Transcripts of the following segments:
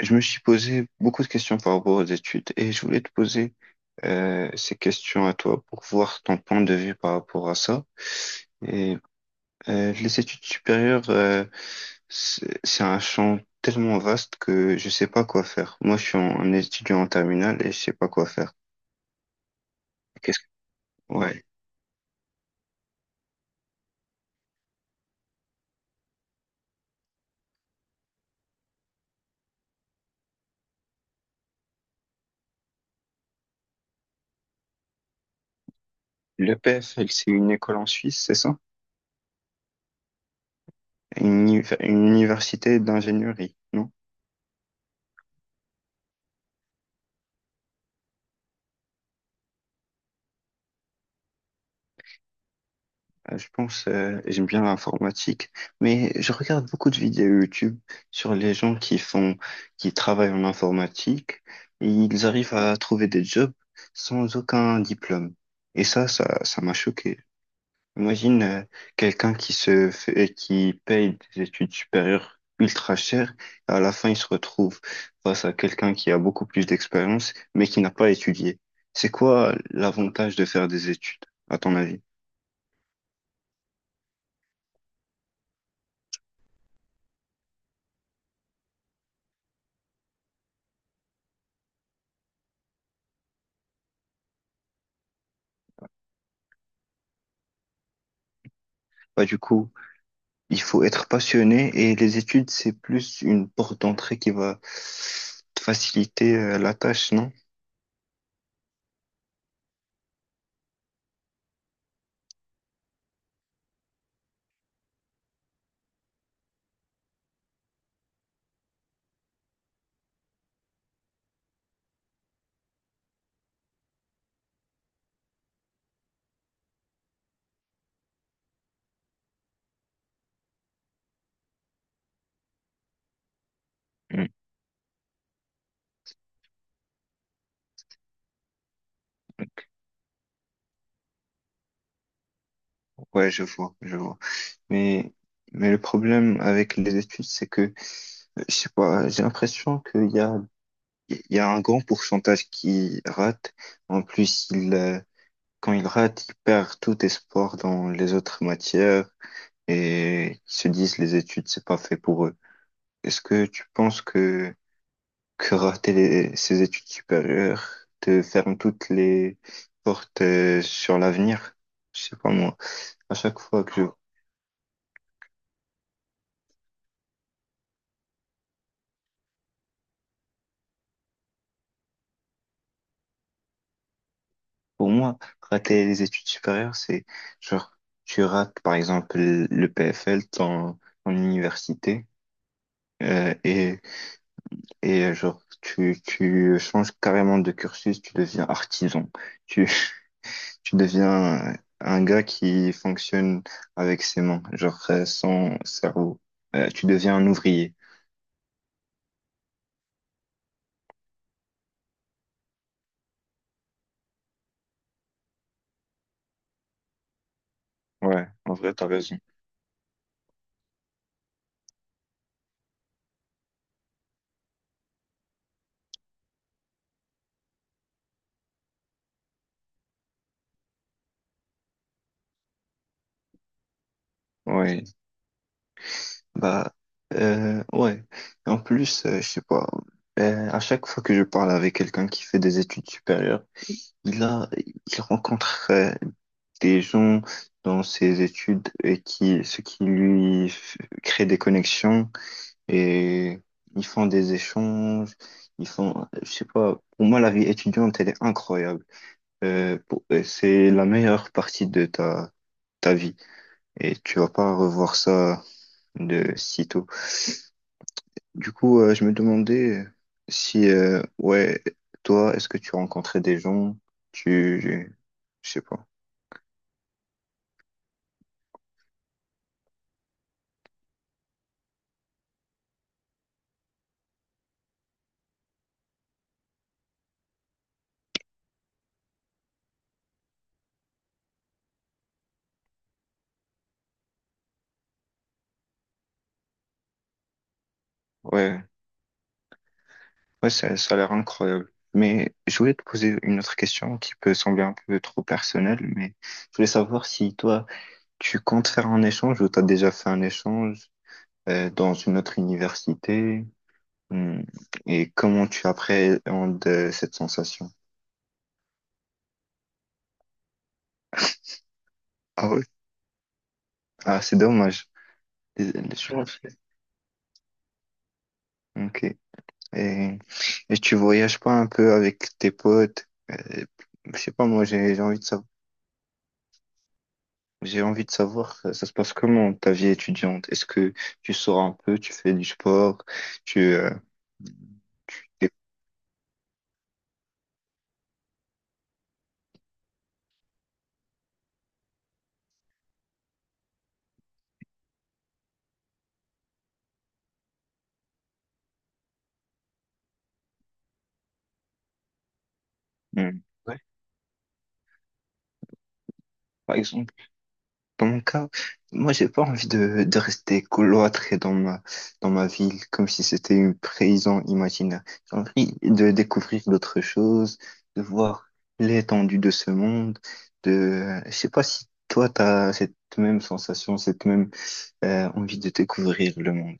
Je me suis posé beaucoup de questions par rapport aux études et je voulais te poser ces questions à toi pour voir ton point de vue par rapport à ça. Et les études supérieures, c'est un champ tellement vaste que je sais pas quoi faire. Moi, je suis un étudiant en terminale et je sais pas quoi faire. Qu'est-ce Ouais. L'EPFL, c'est une école en Suisse, c'est ça? Une université d'ingénierie, non? Je pense, j'aime bien l'informatique, mais je regarde beaucoup de vidéos YouTube sur les gens qui font, qui travaillent en informatique et ils arrivent à trouver des jobs sans aucun diplôme. Et ça m'a choqué. Imagine, quelqu'un qui se fait, qui paye des études supérieures ultra chères, et à la fin, il se retrouve face à quelqu'un qui a beaucoup plus d'expérience, mais qui n'a pas étudié. C'est quoi l'avantage de faire des études, à ton avis? Bah, du coup, il faut être passionné et les études, c'est plus une porte d'entrée qui va te faciliter la tâche, non? Mm. Ouais, je vois, je vois. Mais, mais le problème avec les études, c'est que, je sais pas, j'ai l'impression qu'il y a un grand pourcentage qui rate. En plus, quand il rate, il perd tout espoir dans les autres matières et ils se disent les études, c'est pas fait pour eux. Est-ce que tu penses que rater ses études supérieures te ferme toutes les portes sur l'avenir. Je sais pas moi. À chaque fois que je, pour moi, rater les études supérieures, c'est genre tu rates par exemple le PFL, ton université, euh, et et genre tu changes carrément de cursus, tu deviens artisan, tu tu deviens un gars qui fonctionne avec ses mains, genre sans cerveau. Tu deviens un ouvrier. Ouais, en vrai, t'as raison. Ouais, bah, ouais. En plus, je sais pas, à chaque fois que je parle avec quelqu'un qui fait des études supérieures, il rencontre des gens dans ses études et ce qui lui crée des connexions et ils font des échanges, ils font, je sais pas, pour moi, la vie étudiante, elle est incroyable. C'est la meilleure partie de ta vie et tu vas pas revoir ça de sitôt. Du coup, je me demandais si, ouais, toi, est-ce que tu rencontrais des gens, tu, je sais pas. Ouais, ouais, ça a l'air incroyable. Mais je voulais te poser une autre question qui peut sembler un peu trop personnelle, mais je voulais savoir si toi, tu comptes faire un échange ou t'as déjà fait un échange dans une autre université. Hmm. Et comment tu appréhendes cette sensation? Ah oui, ah, c'est dommage. Désolé, je Ouais. Ok. Et, et tu voyages pas un peu avec tes potes? Je sais pas, moi, j'ai envie de savoir, ça, ça se passe comment ta vie étudiante? Est-ce que tu sors un peu, tu fais du sport, tu, euh, t'es- Hmm. Ouais. Par exemple, dans mon cas, moi, j'ai pas envie de rester cloîtré dans ma ville, comme si c'était une prison imaginaire. J'ai envie de découvrir d'autres choses, de voir l'étendue de ce monde, je sais pas si toi, t'as cette même sensation, cette même, envie de découvrir le monde.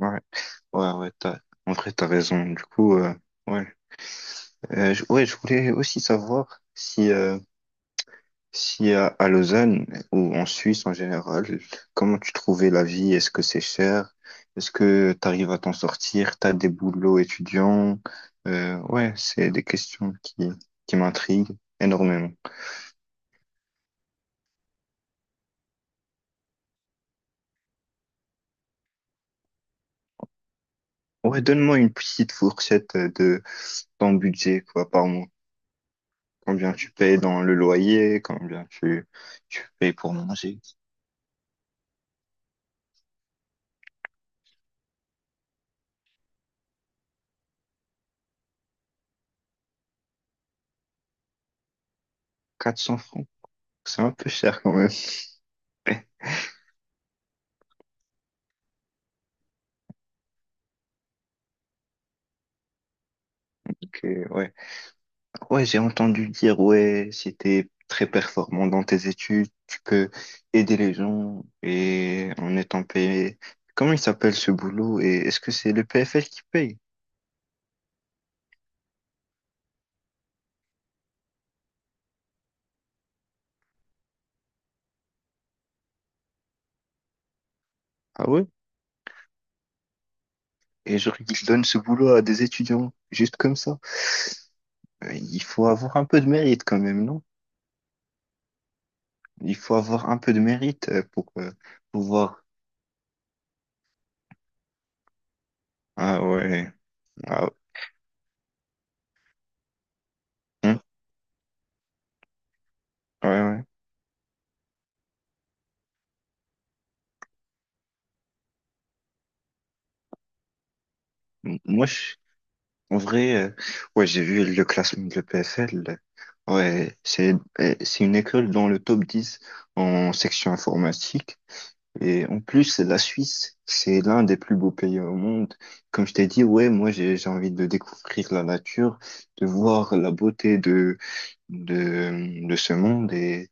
Ouais, ouais, ouais, en vrai, t'as raison. Du coup, ouais, ouais, je voulais aussi savoir si, si à Lausanne ou en Suisse en général, comment tu trouvais la vie? Est-ce que c'est cher? Est-ce que tu arrives à t'en sortir? T'as des boulots étudiants? Ouais, c'est des questions qui m'intriguent énormément. Ouais, donne-moi une petite fourchette de ton budget, quoi, par mois. Combien tu payes dans le loyer? Combien tu payes pour manger? Quatre cents francs? C'est un peu cher quand même. Ok, ouais. Ouais, j'ai entendu dire, ouais, si t'es très performant dans tes études, tu peux aider les gens et en étant payé. Comment il s'appelle ce boulot et est-ce que c'est le PFL qui paye? Ah ouais? Et genre, ils donnent ce boulot à des étudiants, juste comme ça. Il faut avoir un peu de mérite quand même, non? Il faut avoir un peu de mérite pour pouvoir. Ah ouais. Ah, hein, ouais, ouais. Moi, en vrai, ouais, j'ai vu le classement de l'EPFL. Ouais, c'est une école dans le top 10 en section informatique. Et en plus, la Suisse, c'est l'un des plus beaux pays au monde. Comme je t'ai dit, ouais, moi, j'ai envie de découvrir la nature, de voir la beauté de ce monde et,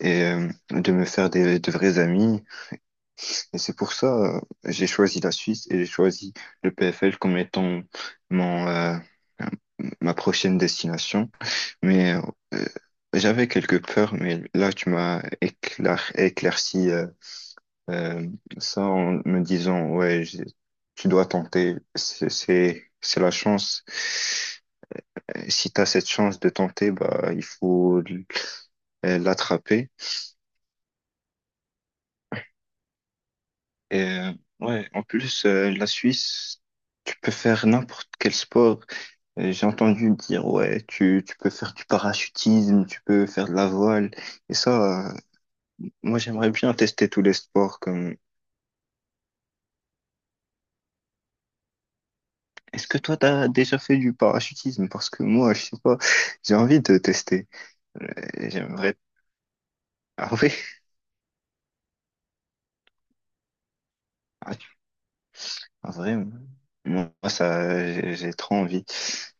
et euh, de me faire des de vrais amis. Et c'est pour ça, j'ai choisi la Suisse et j'ai choisi le PFL comme étant mon, euh, ma prochaine destination. Mais euh, j'avais quelques peurs, mais là, tu m'as éclairci euh, ça en me disant, ouais, tu dois tenter, c'est la chance. Si tu as cette chance de tenter, bah, il faut l'attraper. Et ouais, en plus, la Suisse, tu peux faire n'importe quel sport. J'ai entendu dire, ouais, tu peux faire du parachutisme, tu peux faire de la voile. Et ça, moi, j'aimerais bien tester tous les sports. Est-ce que toi, t'as déjà fait du parachutisme? Parce que moi, je sais pas, j'ai envie de tester. Euh, J'aimerais. Ah oui, ah, ah, vraiment. Moi, ça, j'ai trop envie.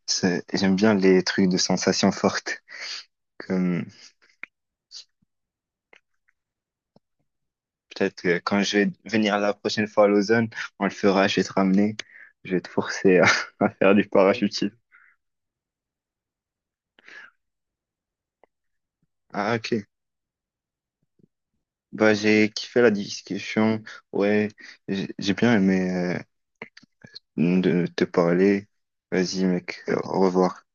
J'aime bien les trucs de sensations fortes. Comme Peut-être que quand je vais venir la prochaine fois à Lausanne, on le fera, je vais te ramener. Je vais te forcer à, à faire du Oui. parachutisme. Ah, ok. Bah, j'ai kiffé la discussion. Ouais, j'ai bien aimé de te parler. Vas-y, mec, au revoir.